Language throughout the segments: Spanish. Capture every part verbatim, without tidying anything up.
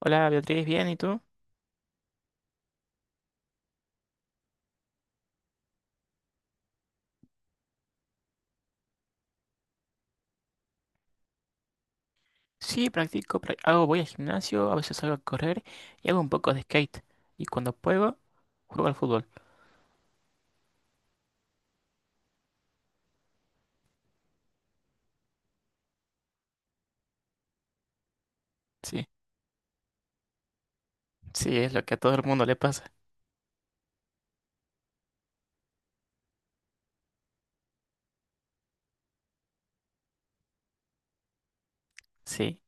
Hola Beatriz, ¿bien? ¿Y tú? Sí, practico, prac- hago, voy al gimnasio, a veces salgo a correr y hago un poco de skate. Y cuando puedo, juego al fútbol. Sí, sí, es lo que a todo el mundo le pasa. Sí,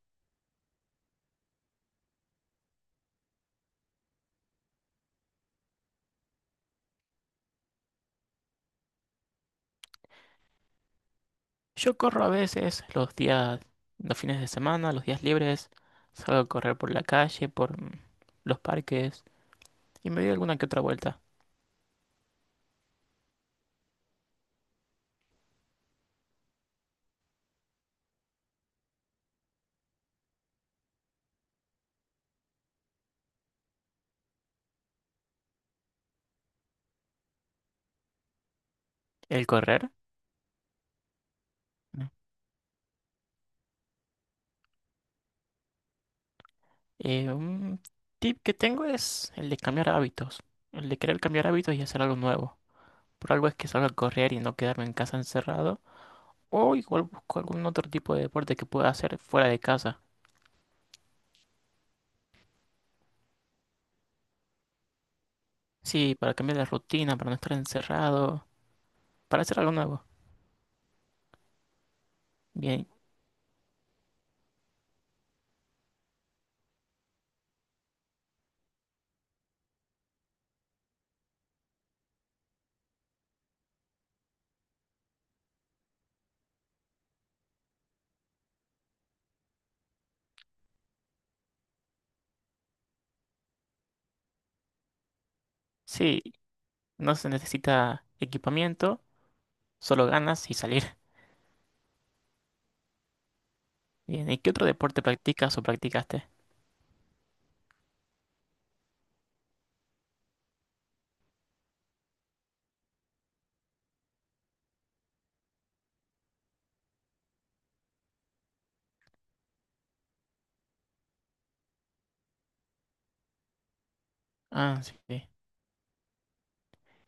yo corro a veces los días, los fines de semana, los días libres, salgo a correr por la calle, por mm, los parques y me doy alguna que otra vuelta. ¿El correr? Mm. Eh, un tip que tengo es el de cambiar hábitos, el de querer cambiar hábitos y hacer algo nuevo. Por algo es que salgo a correr y no quedarme en casa encerrado. O igual busco algún otro tipo de deporte que pueda hacer fuera de casa. Sí, para cambiar la rutina, para no estar encerrado, para hacer algo nuevo. Bien, sí, no se necesita equipamiento, solo ganas y salir. Bien, ¿y qué otro deporte practicas o practicaste? Ah, sí, sí.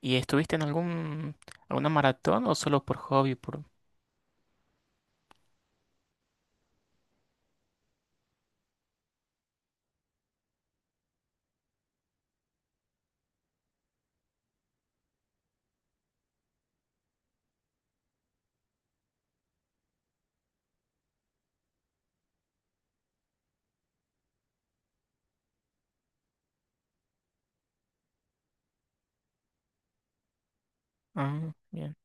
¿Y estuviste en algún, alguna maratón o solo por hobby? Por... Ah, bien.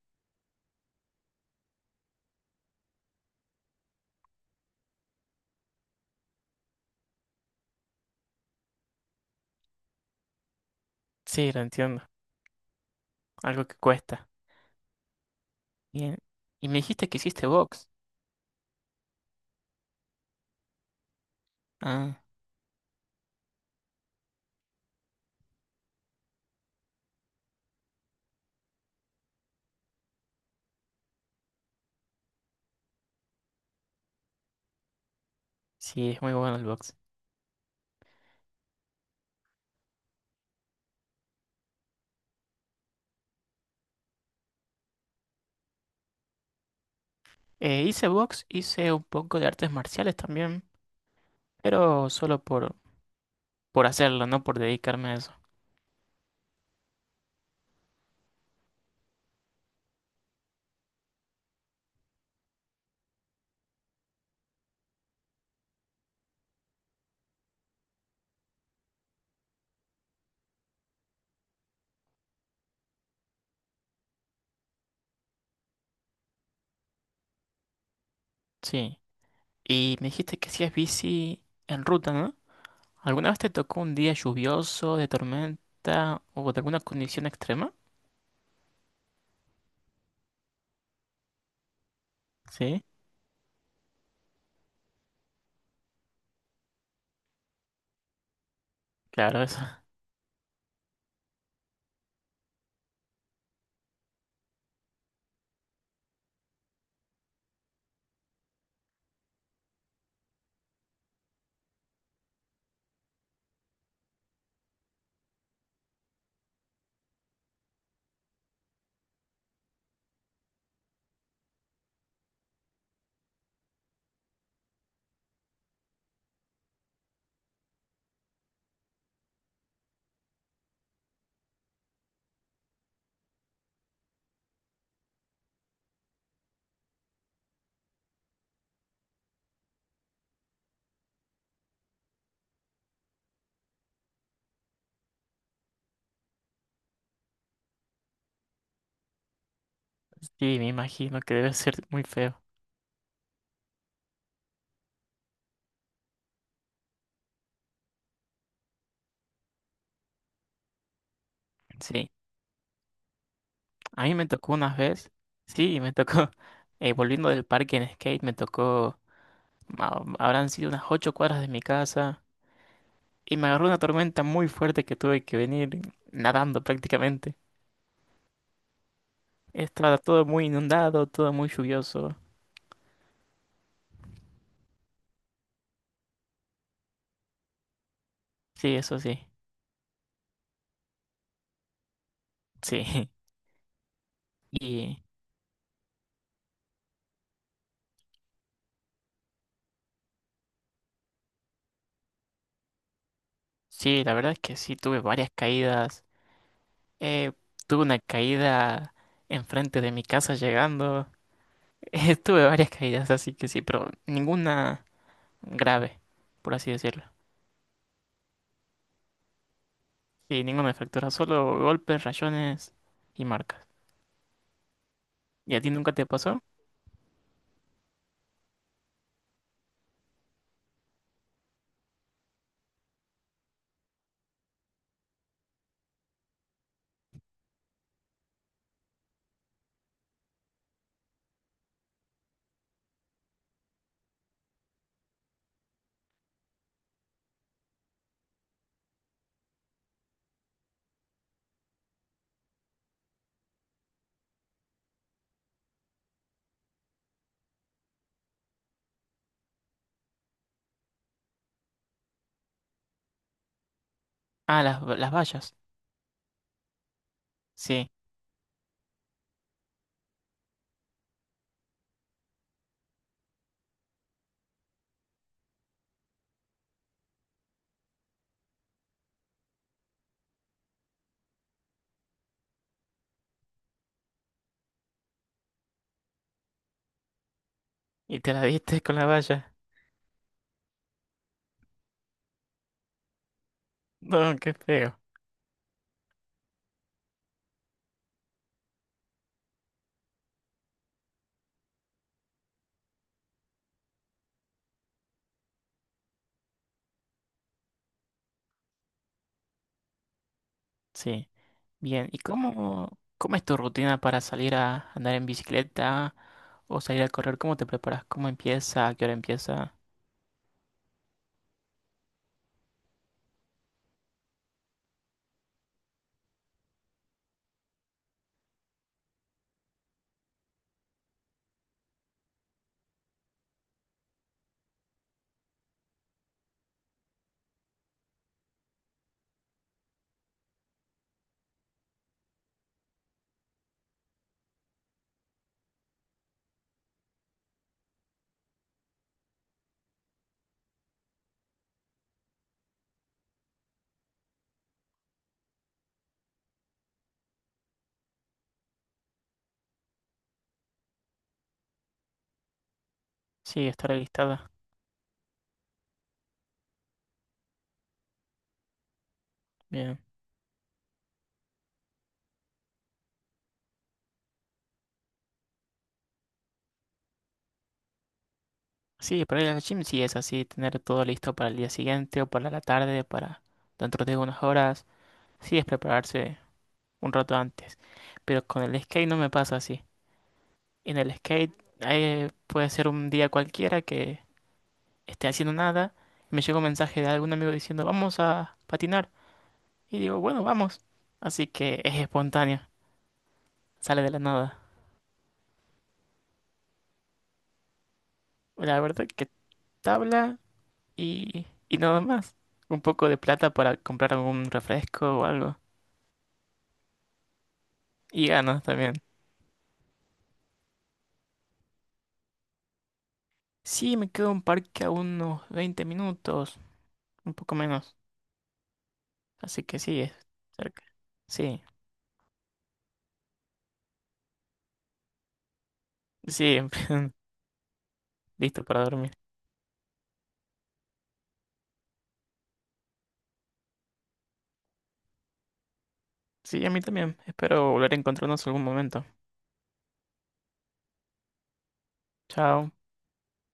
Sí, lo entiendo. Algo que cuesta. Bien. Y me dijiste que hiciste box. Ah, sí, es muy bueno el box. Eh, hice box, hice un poco de artes marciales también, pero solo por, por hacerlo, no por dedicarme a eso. Sí. Y me dijiste que hacías bici en ruta, ¿no? ¿Alguna vez te tocó un día lluvioso, de tormenta o de alguna condición extrema? Sí, claro, eso. Sí, me imagino que debe ser muy feo. Sí. A mí me tocó unas veces. Sí, me tocó. Eh, volviendo del parque en skate, me tocó. ah, Habrán sido unas ocho cuadras de mi casa y me agarró una tormenta muy fuerte que tuve que venir nadando prácticamente. Estaba todo muy inundado, todo muy lluvioso. Sí, eso sí. Sí. Y sí, la verdad es que sí, tuve varias caídas. Eh, Tuve una caída enfrente de mi casa llegando. Eh, tuve varias caídas, así que sí, pero ninguna grave, por así decirlo. Sí, ninguna fractura, solo golpes, rayones y marcas. ¿Y a ti nunca te pasó? Ah, las, las vallas. Sí. Y te la diste con la valla. No, qué feo. Sí. Bien, ¿y cómo, cómo es tu rutina para salir a andar en bicicleta o salir a correr? ¿Cómo te preparas? ¿Cómo empieza? ¿A qué hora empieza? Sí, estar alistada. Bien. Sí, para ir al gym sí es así, tener todo listo para el día siguiente o para la tarde, para dentro de unas horas. Sí, es prepararse un rato antes. Pero con el skate no me pasa así. En el skate eh, puede ser un día cualquiera que esté haciendo nada y me llega un mensaje de algún amigo diciendo, vamos a patinar. Y digo, bueno, vamos. Así que es espontánea, sale de la nada. La verdad que tabla y, y nada más. Un poco de plata para comprar algún refresco o algo. Y ganas también. Sí, me quedo en parque a unos veinte minutos, un poco menos. Así que sí, es cerca. Sí, sí, listo para dormir. Sí, a mí también. Espero volver a encontrarnos algún momento. Chao.